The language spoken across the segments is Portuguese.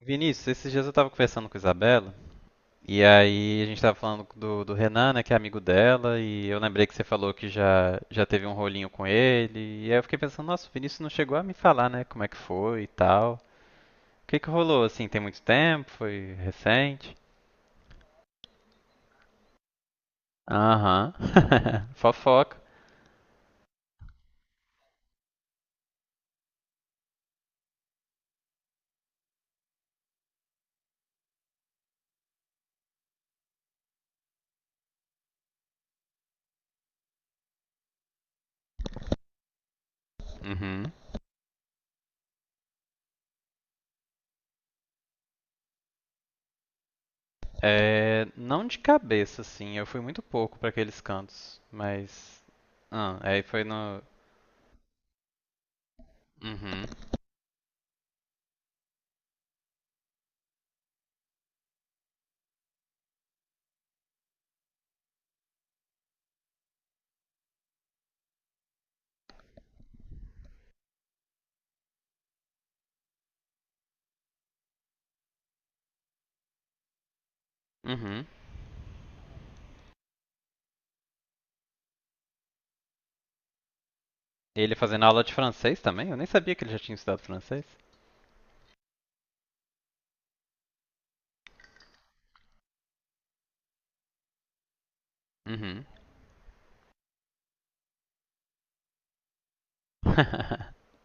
Vinícius, esses dias eu tava conversando com a Isabela, e aí a gente tava falando do Renan, né, que é amigo dela, e eu lembrei que você falou que já teve um rolinho com ele, e aí eu fiquei pensando, nossa, o Vinícius não chegou a me falar, né, como é que foi e tal. O que que rolou, assim, tem muito tempo? Foi recente? Aham, fofoca. Uhum. É, não de cabeça, assim, eu fui muito pouco pra aqueles cantos, mas... Ah, aí foi no... Uhum, uhum. E ele fazendo aula de francês também? Eu nem sabia que ele já tinha estudado francês. Uhum.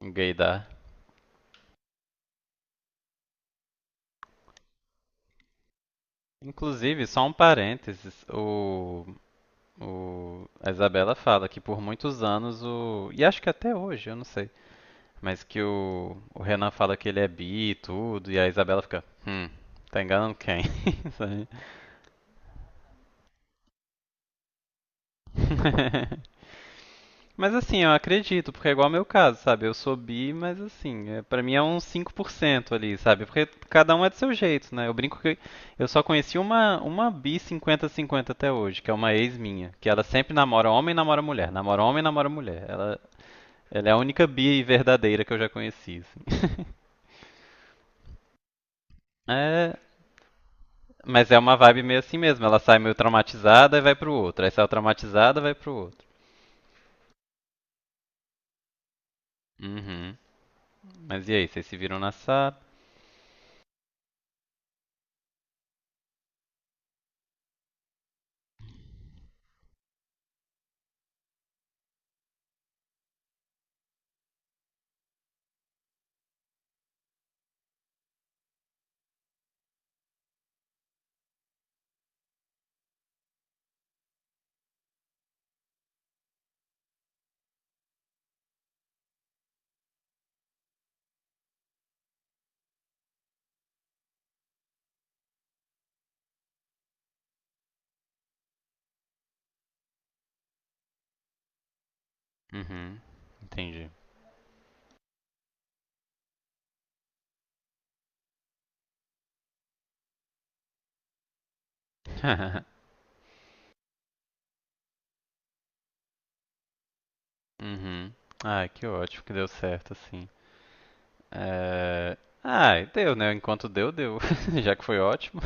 Gaydar. Inclusive, só um parênteses, o- a Isabela fala que por muitos anos o. E acho que até hoje, eu não sei. Mas que o Renan fala que ele é bi e tudo, e a Isabela fica, tá enganando quem? Sabe? Mas assim, eu acredito, porque é igual ao meu caso, sabe? Eu sou bi, mas assim, é, para mim é uns 5% ali, sabe? Porque cada um é do seu jeito, né? Eu brinco que eu só conheci uma bi 50 50 até hoje, que é uma ex minha, que ela sempre namora homem e namora mulher, namora homem e namora mulher. Ela é a única bi verdadeira que eu já conheci, assim. É, mas é uma vibe meio assim mesmo, ela sai meio traumatizada e vai pro outro, aí sai traumatizada e vai pro outro. Uhum. Mas e aí, vocês se viram na SAP? Uhum. Entendi. Uhum. Ai, que ótimo que deu certo, assim. É... Ai, deu, né? Enquanto deu, deu. Já que foi ótimo.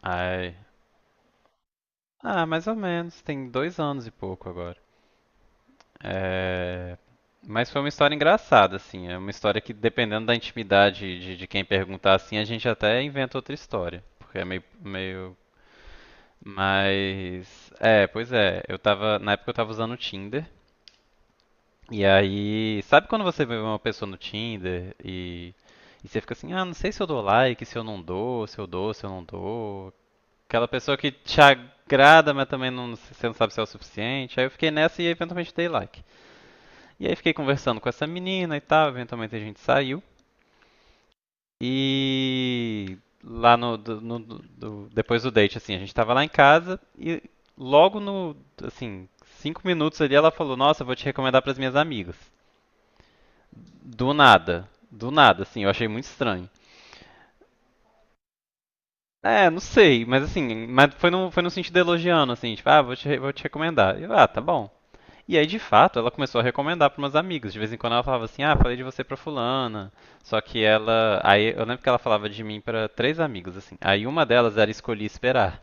Ai. Ah, mais ou menos. Tem 2 anos e pouco agora. É... Mas foi uma história engraçada, assim. É uma história que, dependendo da intimidade de quem perguntar, assim, a gente até inventa outra história. Porque é meio, meio... Mas... É, pois é. Eu tava... Na época eu tava usando o Tinder. E aí, sabe quando você vê uma pessoa no Tinder e você fica assim, ah, não sei se eu dou like, se eu não dou, se eu dou, se eu não dou. Aquela pessoa que te agrada, mas também não, você não sabe se é o suficiente. Aí eu fiquei nessa e eventualmente dei like. E aí fiquei conversando com essa menina e tal, eventualmente a gente saiu. E lá no, do- no- do- do- depois do date, assim, a gente tava lá em casa e logo no, assim, 5 minutos ali ela falou, nossa, eu vou te recomendar pras minhas amigas. Do nada. Do nada, assim, eu achei muito estranho. É, não sei, mas assim, mas foi no sentido elogiando, assim, tipo, ah, vou te recomendar. E eu, ah, tá bom. E aí, de fato, ela começou a recomendar para umas amigas. De vez em quando ela falava assim, ah, falei de você pra fulana. Só que ela. Aí eu lembro que ela falava de mim para 3 amigos, assim. Aí uma delas era escolhi esperar.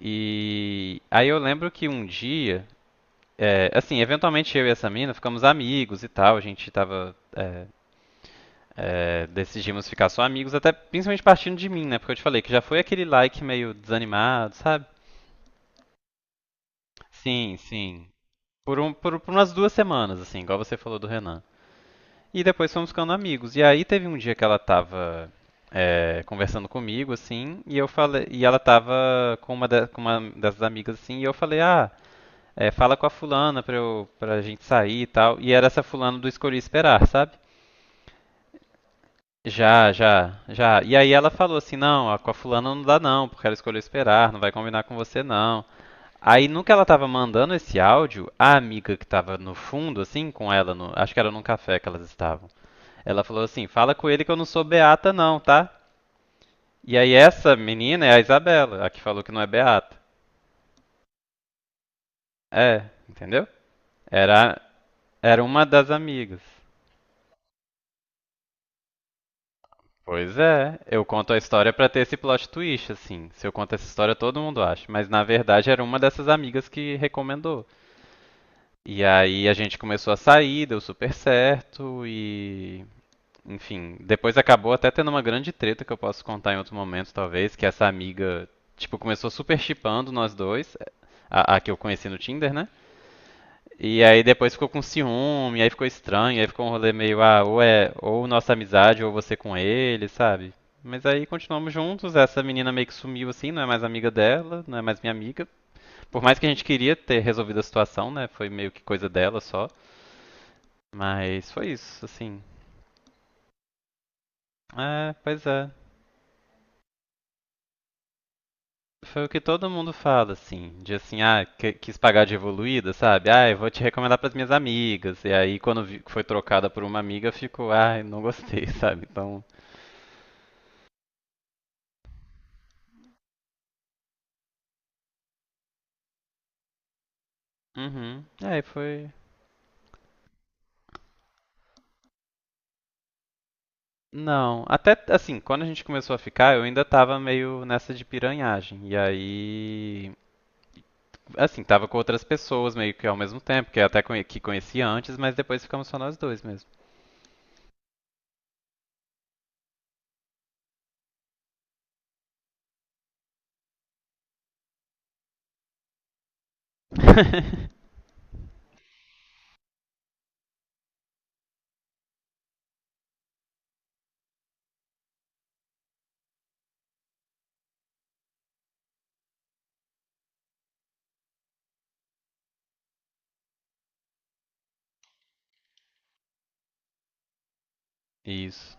E aí eu lembro que um dia, assim, eventualmente eu e essa mina ficamos amigos e tal, a gente tava. Decidimos ficar só amigos, até principalmente partindo de mim, né? Porque eu te falei que já foi aquele like meio desanimado, sabe? Sim, sim. Por umas 2 semanas, assim, igual você falou do Renan. E depois fomos ficando amigos. E aí teve um dia que ela tava conversando comigo, assim, e eu falei, e ela tava com com uma dessas amigas, assim, e eu falei, ah, fala com a fulana pra, eu, pra gente sair e tal. E era essa fulana do Escolhi Esperar, sabe? Já. E aí ela falou assim: não, ó, com a fulana não dá não, porque ela escolheu esperar, não vai combinar com você não. Aí, no que ela tava mandando esse áudio, a amiga que tava no fundo, assim, com ela, no- acho que era num café que elas estavam, ela falou assim: fala com ele que eu não sou beata não, tá? E aí, essa menina é a Isabela, a que falou que não é beata. É, entendeu? Era, era uma das amigas. Pois é, eu conto a história pra ter esse plot twist, assim. Se eu conto essa história, todo mundo acha. Mas na verdade era uma dessas amigas que recomendou. E aí a gente começou a sair, deu super certo e. Enfim, depois acabou até tendo uma grande treta que eu posso contar em outro momento, talvez, que essa amiga, tipo, começou super chipando nós dois, a que eu conheci no Tinder, né? E aí depois ficou com ciúme, aí ficou estranho, aí ficou um rolê meio, ah, ou é ou nossa amizade, ou você com ele, sabe? Mas aí continuamos juntos, essa menina meio que sumiu assim, não é mais amiga dela, não é mais minha amiga. Por mais que a gente queria ter resolvido a situação, né? Foi meio que coisa dela só. Mas foi isso, assim. É, pois é. Foi o que todo mundo fala, assim, de assim, ah, que- quis pagar de evoluída, sabe? Ah, eu vou te recomendar pras minhas amigas. E aí, quando vi- foi trocada por uma amiga, ficou, ah, não gostei, sabe? Então, uhum. Aí foi. Não, até assim, quando a gente começou a ficar, eu ainda tava meio nessa de piranhagem. E aí, assim, tava com outras pessoas meio que ao mesmo tempo, que eu até conhe- que conhecia antes, mas depois ficamos só nós dois mesmo. Isso.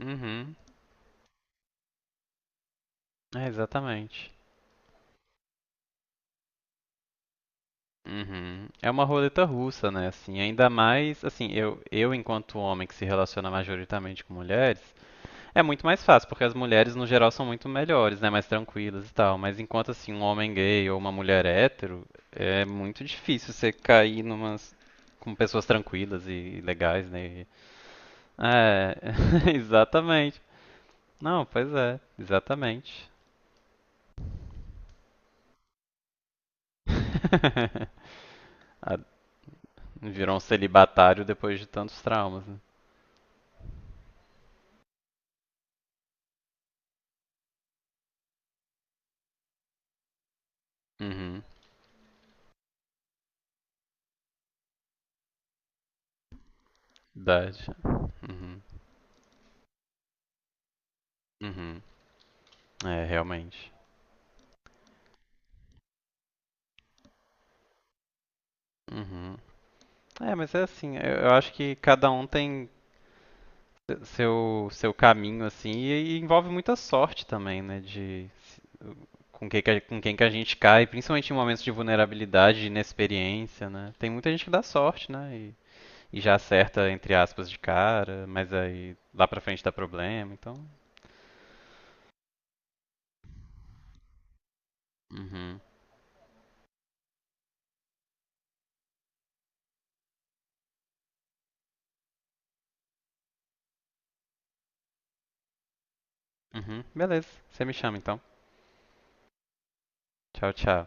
Uhum. É, exatamente. Uhum. É uma roleta russa, né? Assim, ainda mais, assim, eu enquanto homem que se relaciona majoritariamente com mulheres, é muito mais fácil, porque as mulheres no geral são muito melhores, né? Mais tranquilas e tal. Mas enquanto assim, um homem gay ou uma mulher hétero, é muito difícil você cair numas. Com pessoas tranquilas e legais, né? E- é, exatamente. Não, pois é, exatamente. Ah, virou um celibatário depois de tantos traumas, né? Uhum. Verdade. Uhum. Uhum. É, realmente. Uhum. É, mas é assim, eu acho que cada um tem seu caminho, assim, e envolve muita sorte também, né? De se- com quem que a- com quem que a gente cai, principalmente em momentos de vulnerabilidade, de inexperiência, né? Tem muita gente que dá sorte, né? E já acerta, entre aspas, de cara, mas aí lá pra frente dá problema, então. Uhum. Uhum. Beleza, você me chama então. Tchau, tchau.